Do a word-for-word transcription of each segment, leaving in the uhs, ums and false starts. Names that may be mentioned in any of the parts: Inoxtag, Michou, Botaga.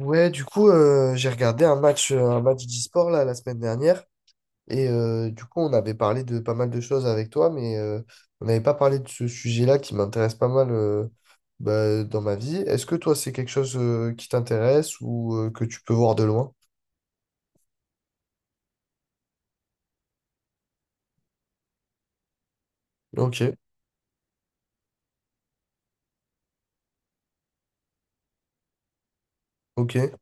Ouais, du coup, euh, j'ai regardé un match, euh, un match d'e-sport là, la semaine dernière. Et euh, du coup, on avait parlé de pas mal de choses avec toi, mais euh, on n'avait pas parlé de ce sujet-là qui m'intéresse pas mal euh, bah, dans ma vie. Est-ce que toi, c'est quelque chose euh, qui t'intéresse ou euh, que tu peux voir de loin? Ok, ok,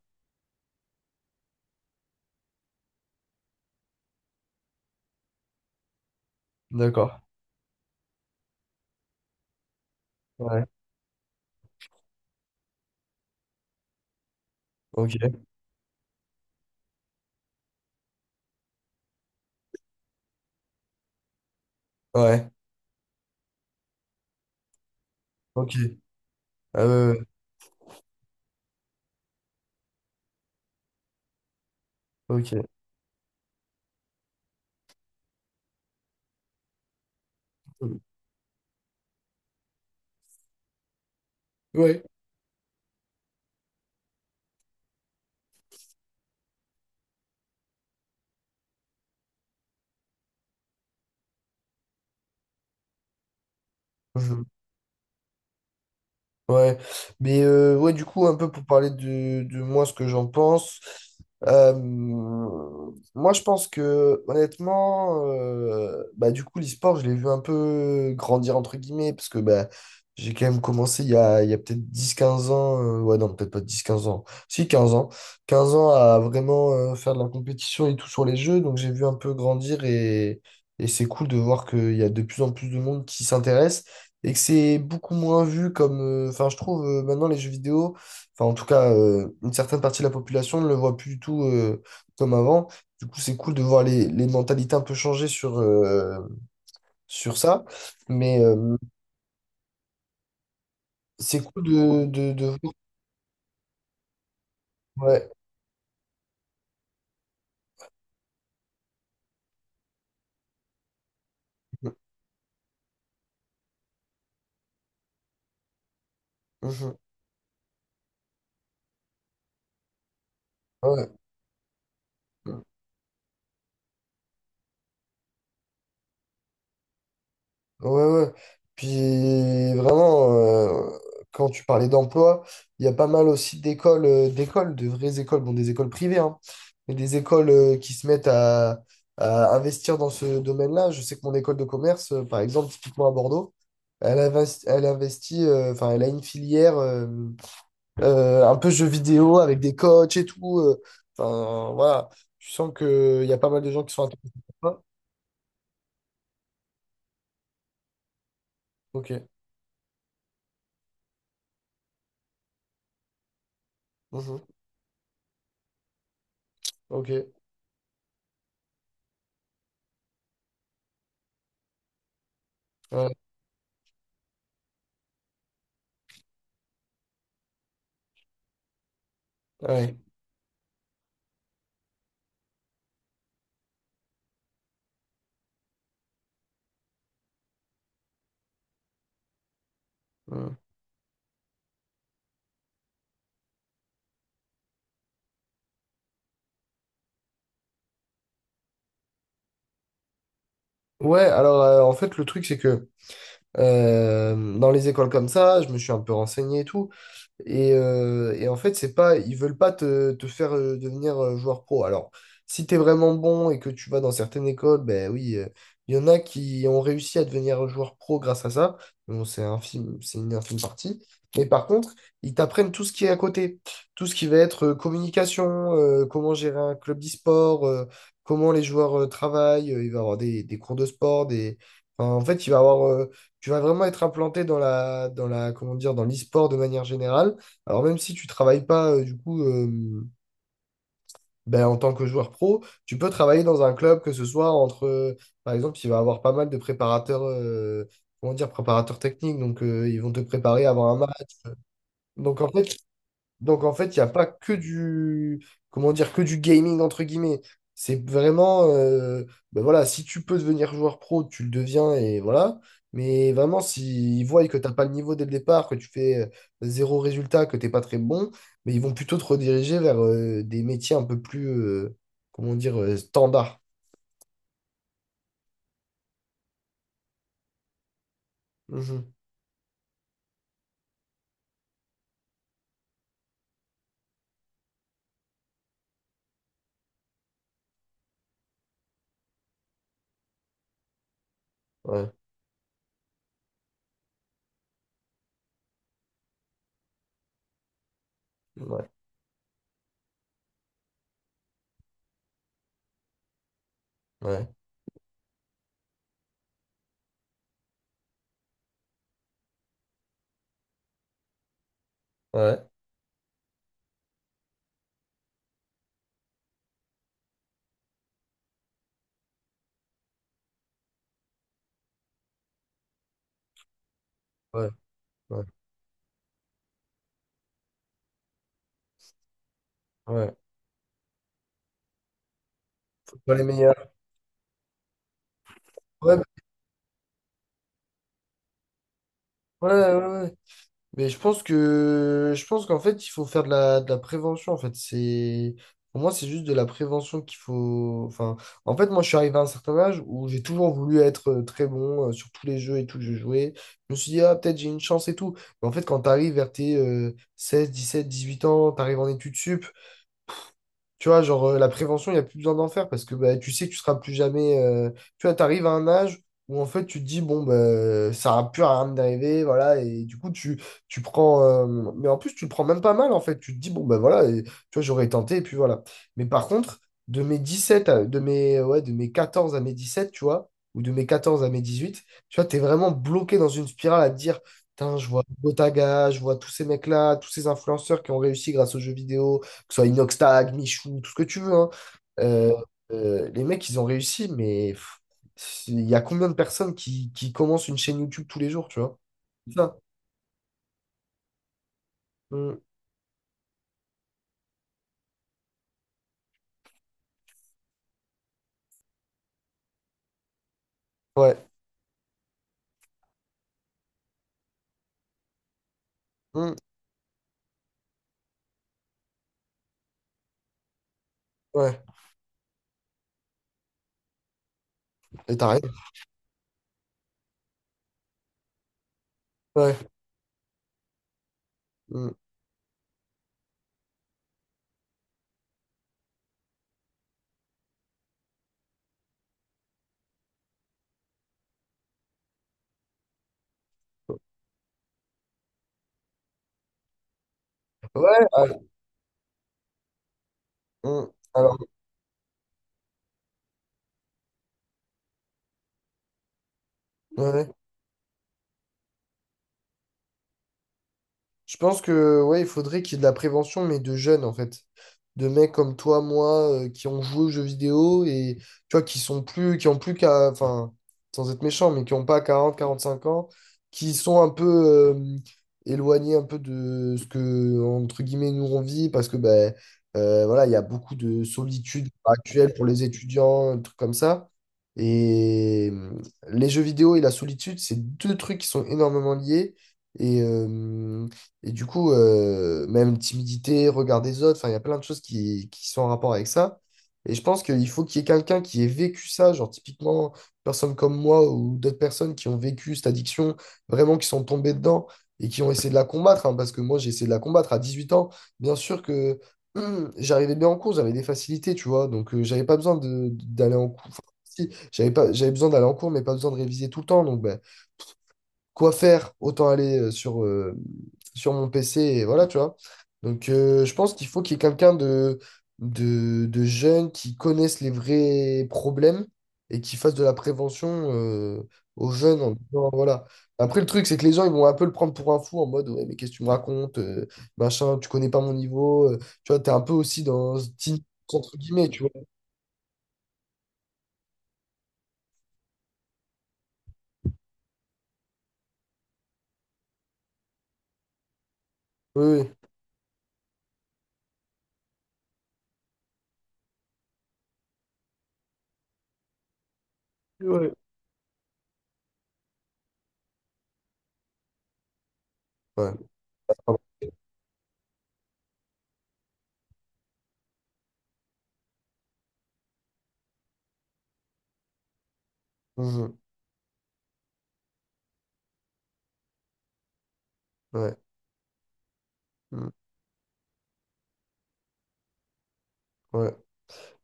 d'accord. Ouais, ok, ouais, ok, ah ouais, ouais, ok. Ouais. Ouais, mais euh, ouais, du coup, un peu pour parler de, de moi, ce que j'en pense. euh, Moi, je pense que, honnêtement, euh, bah, du coup, l'e-sport, je l'ai vu un peu grandir, entre guillemets, parce que bah, j'ai quand même commencé il y a, il y a peut-être dix quinze ans. Euh, ouais, non, peut-être pas dix quinze ans. Si, quinze ans. Quinze ans à vraiment euh, faire de la compétition et tout sur les jeux. Donc, j'ai vu un peu grandir, et, et c'est cool de voir qu'il y a de plus en plus de monde qui s'intéresse et que c'est beaucoup moins vu comme... euh, Enfin, je trouve euh, maintenant les jeux vidéo, enfin en tout cas euh, une certaine partie de la population ne le voit plus du tout euh, comme avant. Du coup, c'est cool de voir les, les mentalités un peu changer sur, euh, sur ça. Mais euh, c'est cool de, de, de voir... Ouais. Mhm. Ouais. Mmh. Ouais, ouais. Puis vraiment, euh, quand tu parlais d'emploi, il y a pas mal aussi d'écoles, euh, d'écoles, de vraies écoles, bon, des écoles privées, hein, mais des écoles euh, qui se mettent à, à investir dans ce domaine-là. Je sais que mon école de commerce, euh, par exemple, typiquement à Bordeaux, elle investi, elle investit, euh, enfin, elle a une filière euh, euh, un peu jeux vidéo avec des coachs et tout. euh, Enfin, voilà. Tu sens qu'il y a pas mal de gens qui sont intéressés par ça. Ok. Mhm. Ok. Ouais. Ouais. Hmm. Ouais, alors euh, en fait, le truc, c'est que euh, dans les écoles comme ça, je me suis un peu renseigné et tout. Et, euh, et en fait, c'est pas, ils veulent pas te, te faire euh, devenir euh, joueur pro. Alors, si tu es vraiment bon et que tu vas dans certaines écoles, ben oui, euh, il y en a qui ont réussi à devenir joueur pro grâce à ça. Bon, c'est un film, c'est une infime partie. Mais par contre, ils t'apprennent tout ce qui est à côté. Tout ce qui va être euh, communication, euh, comment gérer un club d'e-sport, euh, comment les joueurs euh, travaillent. Euh, il va y avoir des, des cours de sport, des... enfin, en fait, il va y avoir euh, tu vas vraiment être implanté dans la, dans la, comment dire, dans l'e-sport de manière générale. Alors même si tu travailles pas euh, du coup euh, ben, en tant que joueur pro, tu peux travailler dans un club que ce soit entre, euh, par exemple, il va avoir pas mal de préparateurs, euh, comment dire, préparateurs techniques, donc euh, ils vont te préparer à avoir un match. Donc en fait, donc en fait, il n'y a pas que du, comment dire, que du gaming entre guillemets. C'est vraiment, euh, ben voilà, si tu peux devenir joueur pro, tu le deviens et voilà. Mais vraiment, s'ils voient que tu n'as pas le niveau dès le départ, que tu fais euh, zéro résultat, que tu n'es pas très bon, mais ils vont plutôt te rediriger vers euh, des métiers un peu plus, euh, comment dire, euh, standards. Mhm. Ouais, ouais, ouais, ouais, ouais, ouais, ouais. Pas les meilleurs. Ouais, ouais, ouais. Ouais. Mais je pense que je pense qu'en fait, il faut faire de la, de la prévention. En fait, c'est pour moi, c'est juste de la prévention qu'il faut. Enfin, en fait, moi, je suis arrivé à un certain âge où j'ai toujours voulu être euh, très bon euh, sur tous les jeux et tout que je jouais. Je me suis dit, ah, peut-être j'ai une chance et tout. Mais en fait, quand tu arrives vers tes euh, seize, dix-sept, dix-huit ans, tu arrives en études sup, tu vois, genre, euh, la prévention, il n'y a plus besoin d'en faire parce que bah, tu sais que tu seras plus jamais. euh, Tu vois, tu arrives à un âge où en fait, tu te dis, bon, bah, ça n'a plus rien d'arriver, voilà. Et du coup, tu, tu prends. euh, Mais en plus, tu le prends même pas mal, en fait. Tu te dis, bon, ben voilà, et, tu vois, j'aurais tenté, et puis voilà. Mais par contre, de mes dix-sept à- de mes, ouais, de mes quatorze à mes dix-sept, tu vois, ou de mes quatorze à mes dix-huit, tu vois, tu es vraiment bloqué dans une spirale à te dire. Putain, je vois Botaga, je vois tous ces mecs-là, tous ces influenceurs qui ont réussi grâce aux jeux vidéo, que ce soit Inoxtag, Michou, tout ce que tu veux, hein. Euh, euh, les mecs, ils ont réussi, mais pff, c'est- il y a combien de personnes qui, qui commencent une chaîne YouTube tous les jours, tu vois? C'est ça. Mm. Ouais. Mm. Ouais. Et t'as raison. Ouais. Mm. Ouais. Ah, mm. Alors, ouais. Ouais. Je pense que ouais, il faudrait qu'il y ait de la prévention, mais de jeunes en fait. De mecs comme toi, moi, euh, qui ont joué aux jeux vidéo et tu vois, qui sont plus, qui ont plus qu'à, enfin, sans être méchant, mais qui n'ont pas quarante quarante cinq ans, qui sont un peu euh, éloignés un peu de ce que, entre guillemets, nous on vit, parce que ben euh, voilà, il y a beaucoup de solitude actuelle pour les étudiants, des trucs comme ça. Et euh, les jeux vidéo et la solitude, c'est deux trucs qui sont énormément liés. Et euh, et du coup, euh, même timidité, regard des autres, enfin, il y a plein de choses qui, qui sont en rapport avec ça. Et je pense qu'il faut qu'il y ait quelqu'un qui ait vécu ça, genre typiquement, une personne comme moi ou d'autres personnes qui ont vécu cette addiction, vraiment qui sont tombées dedans et qui ont essayé de la combattre, hein, parce que moi, j'ai essayé de la combattre à dix-huit ans. Bien sûr que hum, j'arrivais bien en cours, j'avais des facilités, tu vois, donc euh, j'avais pas besoin de- d'aller en cours. Enfin, si, j'avais pas, j'avais besoin d'aller en cours, mais pas besoin de réviser tout le temps, donc bah, quoi faire, autant aller euh, sur, euh, sur mon P C et voilà, tu vois. Donc, euh, je pense qu'il faut qu'il y ait quelqu'un de, de, de jeune qui connaisse les vrais problèmes et qui fasse de la prévention euh, aux jeunes en disant, voilà. Après, le truc, c'est que les gens, ils vont un peu le prendre pour un fou en mode, ouais, mais qu'est-ce que tu me racontes, euh, machin, tu connais pas mon niveau, euh, tu vois, t'es un peu aussi dans ce team, entre guillemets, tu vois. Oui, oui. Ouais. Ouais. Pardon. Mhm. Ouais. Mhm. Ouais.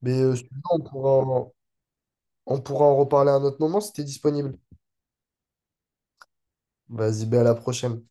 Mais euh, sinon, on pourra, On pourra en reparler à un autre moment si t'es disponible. Vas-y, ben à la prochaine.